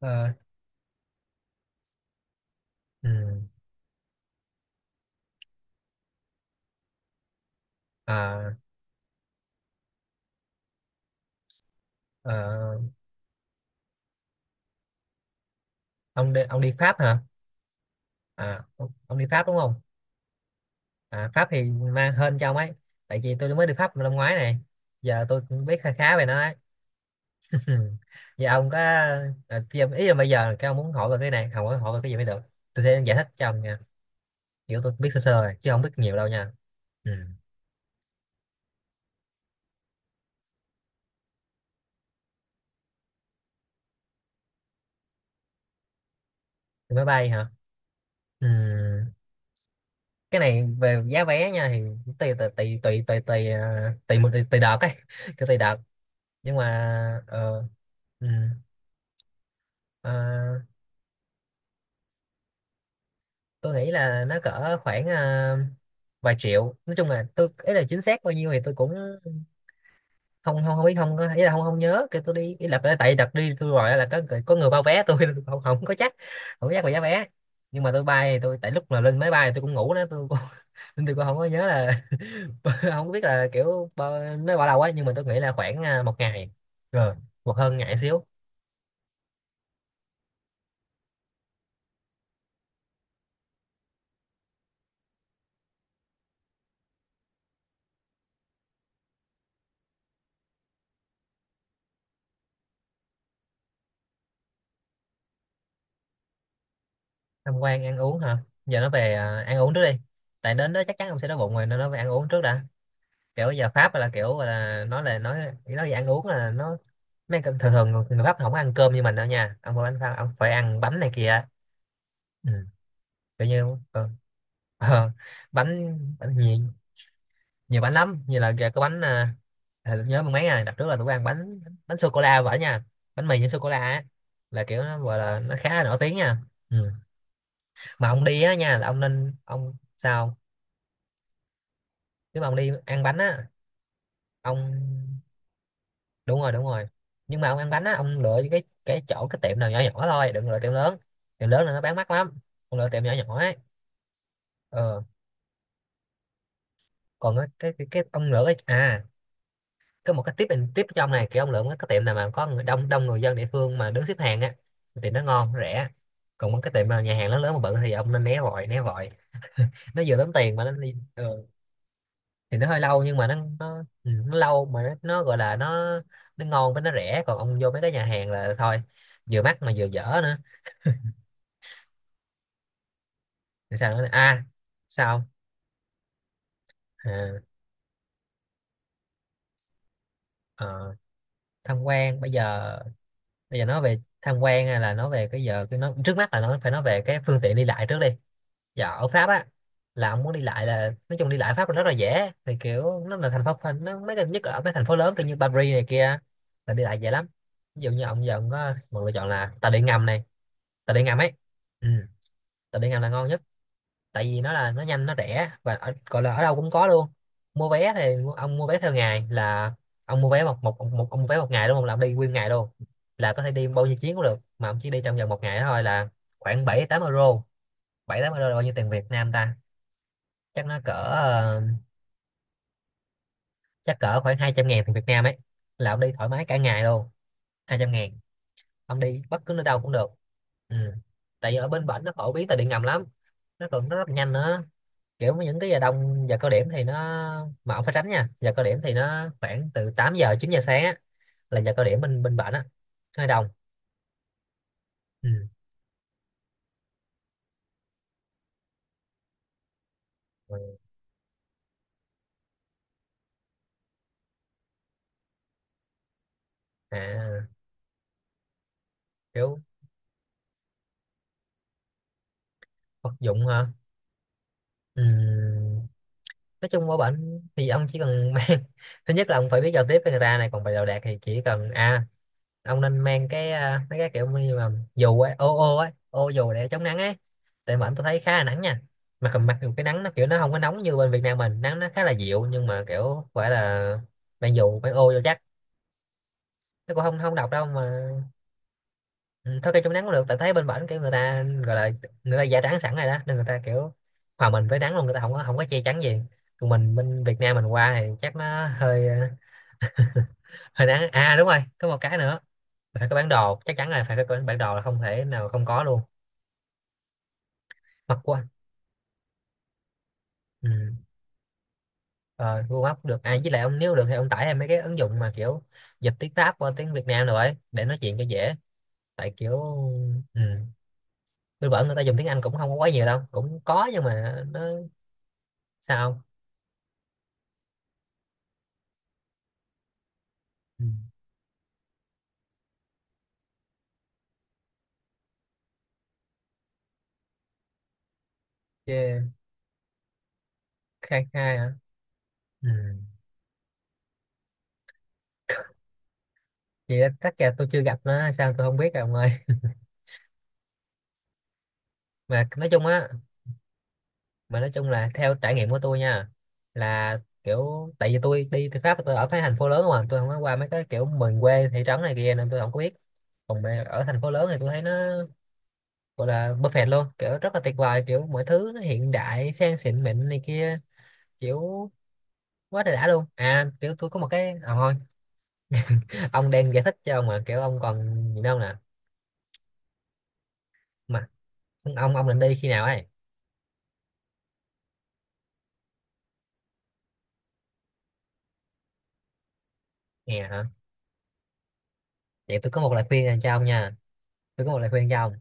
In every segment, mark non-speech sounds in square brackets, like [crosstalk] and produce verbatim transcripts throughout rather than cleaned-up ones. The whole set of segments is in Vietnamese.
Ờ, ừ. à, ờ, ông đi ông đi Pháp hả? À, ông, ông đi Pháp đúng không? À, Pháp thì mang hên cho ông ấy, tại vì tôi mới đi Pháp năm ngoái này, giờ tôi cũng biết khá khá về nó ấy. [laughs] Giờ ông có à, khi ông- ý là bây giờ cái ông muốn hỏi về cái này, không hỏi hỏi về cái gì mới được? Tôi sẽ giải thích cho ông nha, kiểu tôi biết sơ sơ rồi, chứ không biết nhiều đâu nha. Ừ. Thì máy bay hả? Ừ. Cái này về giá vé nha, thì tùy tùy tùy tùy tùy tùy tùy, tùy, tùy, tùy đợt ấy, [laughs] cái tùy đợt. Nhưng mà ờ, ừ, ờ, tôi nghĩ là nó cỡ khoảng ờ, vài triệu. Nói chung là tôi ấy, là chính xác bao nhiêu thì tôi cũng không không không biết, không có- ý là không không nhớ. Kêu tôi đi, ý là tại đợt đi tôi gọi là có người- có người bao vé tôi. [laughs] Tôi không, không có chắc, không có chắc về giá vé. Nhưng mà tôi bay thì tôi, tại lúc mà lên máy bay thì tôi cũng ngủ đó, tôi cũng, [laughs] nên tôi cũng không có nhớ là [laughs] không biết là kiểu bao- nó bao lâu á, nhưng mà tôi nghĩ là khoảng à, một ngày rồi, một hơn ngày xíu. Tham quan ăn uống hả? Giờ nó về à, ăn uống trước đi, tại đến đó chắc chắn ông sẽ đói bụng rồi, nên nó về ăn uống trước đã. Kiểu giờ Pháp là kiểu là nói là nói nói về ăn uống là nó, mấy cái- thường thường người Pháp không có ăn cơm như mình đâu nha, ông phải ăn Pháp, ông phải ăn bánh này kia. Ừ. Kiểu như ờ, ờ, bánh, bánh nhiều, nhiều bánh lắm, như là kìa, có bánh à, à, nhớ mấy ngày đặt trước là tụi tôi ăn bánh, bánh sô cô la vậy nha, bánh mì với sô cô la á, là kiểu nó gọi là nó khá là nổi tiếng nha. Ừ, mà ông đi á nha là ông nên ông sao, nếu mà ông đi ăn bánh á, ông đúng rồi, đúng rồi. Nhưng mà ông ăn bánh á, ông lựa cái cái chỗ cái tiệm nào nhỏ nhỏ thôi, đừng lựa tiệm lớn. Tiệm lớn là nó bán mắc lắm, ông lựa tiệm nhỏ nhỏ ấy. Ờ, còn cái cái cái, cái ông lựa cái à, có một cái tip and tip trong này, kiểu ông lựa một cái tiệm nào mà có người đông, đông người dân địa phương mà đứng xếp hàng á, thì nó ngon nó rẻ. Còn một cái tiệm mà nhà hàng lớn lớn mà bự thì ông nên né vội, né vội, nó vừa tốn tiền mà nó đi. Ờ, thì nó hơi lâu, nhưng mà nó nó ừ, nó lâu mà nó, nó gọi là nó nó ngon với nó rẻ. Còn ông vô mấy cái nhà hàng là thôi, vừa mắc mà vừa dở nữa. Thì sao nữa à? Sao không? à, ờ, Tham quan bây giờ, bây giờ nói về tham quan, hay là nói về cái giờ cái nó trước mắt là nó phải nói về cái phương tiện đi lại trước đi. Giờ ở Pháp á, là ông muốn đi lại, là nói chung đi lại Pháp là rất là dễ. Thì kiểu nó là thành phố thành- nó mấy cái, nhất là ở mấy thành phố lớn kiểu như Paris này kia, là đi lại dễ lắm. Ví dụ như ông giờ ông có một lựa chọn là tàu điện ngầm này, tàu điện ngầm ấy. Ừ. Tàu điện ngầm là ngon nhất, tại vì nó là nó nhanh, nó rẻ và ở, gọi là ở đâu cũng có luôn. Mua vé thì mu- ông mua vé theo ngày, là ông mua vé một một một ông mua vé một ngày đúng không, là ông đi nguyên ngày luôn, là có thể đi bao nhiêu chuyến cũng được, mà ông chỉ đi trong vòng một ngày đó thôi, là khoảng bảy tám euro. Bảy tám euro là bao nhiêu tiền Việt Nam ta? Chắc nó cỡ ờ, chắc cỡ khoảng hai trăm ngàn tiền Việt Nam ấy, là ông đi thoải mái cả ngày luôn. Hai trăm ngàn, ông đi bất cứ nơi đâu cũng được. Ừ. Tại vì ở bên bển nó phổ biến tàu điện ngầm lắm, nó còn nó rất là nhanh nữa. Kiểu những cái giờ đông, giờ cao điểm thì nó, mà ông phải tránh nha, giờ cao điểm thì nó khoảng từ tám giờ chín giờ sáng á, là giờ cao điểm bên bên bệnh á, nó hơi đông. Ừ. Ừ. à kiểu Vật dụng hả? Ừ. Nói chung qua bệnh thì ông chỉ cần [laughs] mang, thứ nhất là ông phải biết giao tiếp với người ta này, còn về đồ đạc thì chỉ cần à, ông nên mang cái à, mấy cái kiểu như mà dù ấy, ô ô ấy ô dù để chống nắng ấy, tại mà anh tôi thấy khá là nắng nha. Mà cầm mặc dù cái nắng nó kiểu nó không có nóng như bên Việt Nam mình, nắng nó khá là dịu, nhưng mà kiểu phải là mang dù, phải ô vô chắc. Nó cũng không không độc đâu mà. Ừ, thôi cây chống nắng cũng được, tại thấy bên bển kiểu người ta gọi là, người ta da trắng sẵn rồi đó, nên người ta kiểu hòa mình với nắng luôn, người ta không có không có che chắn gì. Còn mình bên Việt Nam mình qua thì chắc nó hơi [laughs] hơi nắng. À đúng rồi, có một cái nữa là phải có bản đồ, chắc chắn là phải có bản đồ, là không thể nào không có luôn. Mặc quá. Ừ. Ờ, Google Maps được à, với lại ông nếu được thì ông tải thêm mấy cái ứng dụng mà kiểu dịch tiếng Pháp qua tiếng Việt Nam rồi, để nói chuyện cho dễ, tại kiểu ừ, tôi bảo người ta dùng tiếng Anh cũng không có quá nhiều đâu, cũng có nhưng mà nó. Sao không? Ừ. Yeah. Khai khai hả? Ừ. Vậy đó, chắc là tôi chưa gặp nó sao, tôi không biết rồi ông ơi. mà nói chung á mà nói chung là theo trải nghiệm của tôi nha, là kiểu tại vì tôi đi từ Pháp tôi ở cái thành phố lớn, mà tôi không có qua mấy cái kiểu miền quê, thị trấn này kia, nên tôi không có biết. Còn mà ở thành phố lớn thì tôi thấy nó gọi là perfect luôn, kiểu rất là tuyệt vời, kiểu mọi thứ nó hiện đại sang xịn mịn này kia, kiểu quá trời đã luôn. À kiểu tôi có một cái à, thôi ông đang giải thích cho ông mà, kiểu ông còn gì đâu nè. Mà ông ông định đi khi nào ấy? Nè hả? Vậy tôi có một lời khuyên dành cho ông nha, tôi có một lời khuyên cho ông,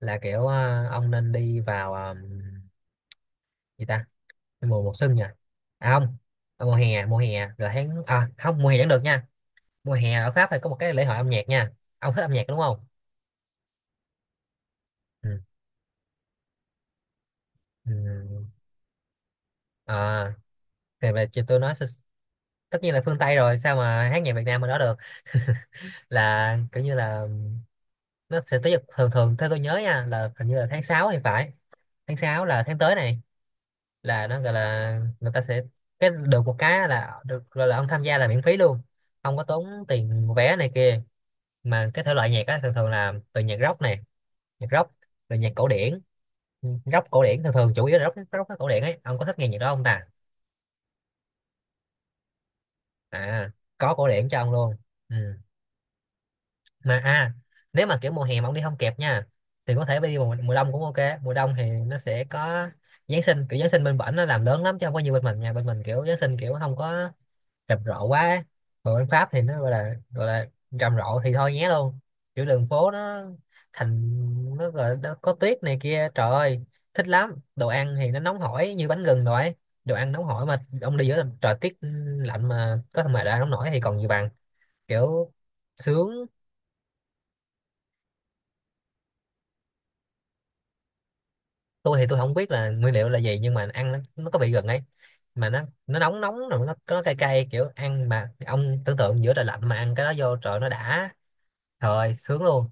là kiểu ờ, ông nên đi vào ờ, gì ta, mùa mùa xuân nha, à không, ờ, mùa hè, mùa hè là tháng à không, mùa hè vẫn được nha. Mùa hè ở Pháp thì có một cái lễ hội âm nhạc nha. Ông thích âm nhạc đúng không? Ừ. Ừ. À, thì về chị tôi nói sẽ- tất nhiên là phương Tây rồi, sao mà hát nhạc Việt Nam mà đó được. Là kiểu như là nó sẽ tới, thường thường theo tôi nhớ nha, là hình như là tháng sáu thì phải. Tháng sáu là tháng tới này, là nó gọi là người ta sẽ, cái được một cái là được gọi là ông tham gia là miễn phí luôn, không có tốn tiền vé này kia. Mà cái thể loại nhạc á thường thường là từ nhạc rock này, nhạc rock, rồi nhạc cổ điển, rock cổ điển, thường thường chủ yếu là rock rock cổ điển ấy. Ông có thích nghe nhạc đó không ta? À, có cổ điển cho ông luôn. Ừ. Mà à, nếu mà kiểu mùa hè mà ông đi không kịp nha, thì có thể đi mùa, mùa đông cũng ok. Mùa đông thì nó sẽ có Giáng sinh, kiểu Giáng sinh bên bển nó làm lớn lắm, chứ không có như bên mình nha. Bên mình kiểu Giáng sinh kiểu không có rầm rộ quá ấy. Còn bên Pháp thì nó gọi là gọi là rầm rộ thì thôi nhé luôn. Kiểu đường phố nó thành, nó gọi là nó có tuyết này kia, trời ơi thích lắm. Đồ ăn thì nó nóng hổi như bánh gừng rồi ấy. Đồ ăn nóng hổi mà ông đi giữa trời tiết lạnh mà có mà đồ ăn nóng nổi thì còn gì bằng, kiểu sướng. Tôi thì tôi không biết là nguyên liệu là gì, nhưng mà ăn nó nó có vị gừng ấy, mà nó nó nóng nóng, rồi nó nó cay cay, kiểu ăn mà ông tưởng tượng giữa trời lạnh mà ăn cái đó vô trời nó đã, trời sướng luôn.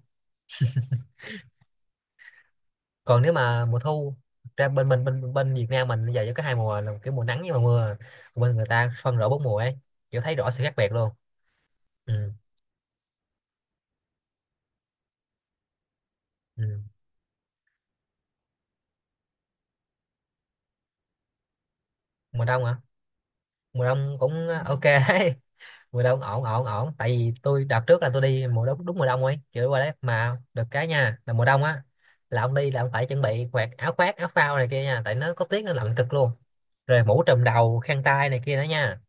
Còn nếu mà mùa thu ra bên bên bên bên Việt Nam mình bây giờ chỉ có hai mùa là kiểu mùa nắng với mùa mưa, còn bên người ta phân rõ bốn mùa ấy, kiểu thấy rõ sự khác biệt luôn. Ừ, ừ. Mùa đông hả? Mùa đông cũng ờ, ok [laughs] đấy. Mùa đông ổn ổn ổn, tại vì tôi đợt trước là tôi đi mùa đông, đúng mùa đông ấy, kiểu qua đấy mà được cái nha, là mùa đông á, là ông đi là ông phải chuẩn bị quạt, áo khoác, áo phao này kia nha, tại nó có tiết nó lạnh cực luôn, rồi mũ trùm đầu, khăn tay này kia nữa nha.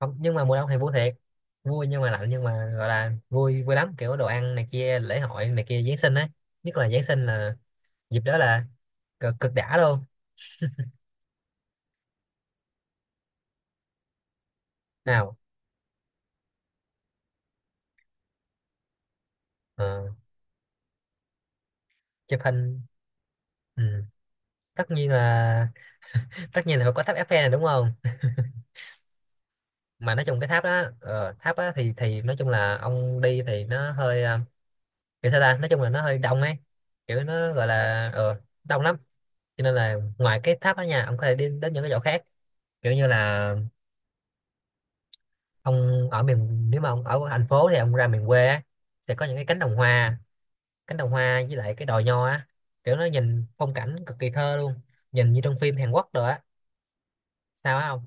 Không, nhưng mà mùa đông thì vui thiệt, vui nhưng mà lạnh, nhưng mà gọi là vui vui lắm, kiểu đồ ăn này kia, lễ hội này kia, Giáng sinh ấy. Nhất là Giáng sinh là dịp đó là cực cực đã luôn. Nào. ờ, Chụp hình, ừ, tất nhiên là [laughs] tất nhiên là phải có tháp Eiffel này đúng không. Mà nói chung cái tháp đó, ờ, tháp á thì thì nói chung là ông đi thì nó hơi ờ, kiểu sao ta, nói chung là nó hơi đông ấy, kiểu nó gọi là ờ đông lắm. Cho nên là ngoài cái tháp đó nha, ông có thể đi đến những cái chỗ khác, kiểu như là ông ở miền, nếu mà ông ở thành phố thì ông ra miền quê á, sẽ có những cái cánh đồng hoa, cánh đồng hoa với lại cái đồi nho á, kiểu nó nhìn phong cảnh cực kỳ thơ luôn, nhìn như trong phim Hàn Quốc rồi á, sao á. Không,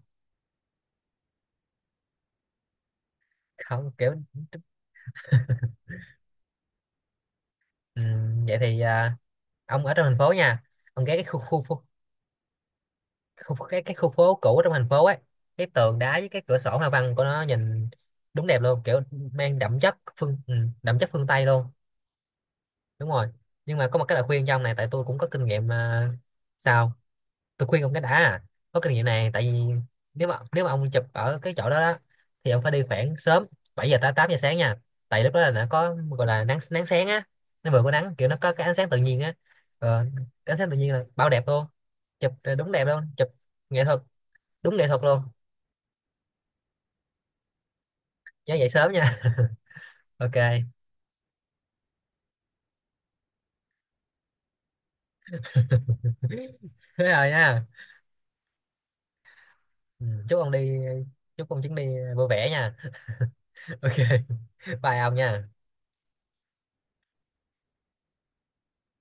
không, kiểu ừ, vậy thì ờ, ông ở trong thành phố nha, ông ghé cái khu khu, khu khu, cái cái khu phố cũ trong thành phố ấy, cái tường đá với cái cửa sổ hoa văn của nó nhìn đúng đẹp luôn, kiểu mang đậm chất phương, ừ, đậm chất phương Tây luôn. Đúng rồi, nhưng mà có một cái lời khuyên cho ông này, tại tôi cũng có kinh nghiệm à, sao tôi khuyên ông cái đã à, có kinh nghiệm này. Tại vì nếu mà nếu mà ông chụp ở cái chỗ đó đó thì ông phải đi khoảng sớm bảy giờ tới tám giờ sáng nha, tại lúc đó là nó có gọi là nắng, nắng sáng á, nó vừa có nắng, kiểu nó có cái ánh sáng tự nhiên á, ờ, cái ánh sáng tự nhiên là bao đẹp luôn, chụp đúng đẹp luôn, chụp nghệ thuật đúng nghệ thuật luôn. Nhớ dậy sớm nha [laughs] ok [laughs] thế rồi nha. Ừ, chúc ông đi chúc ông chuyến đi vui vẻ nha [laughs] ok, bye ông nha.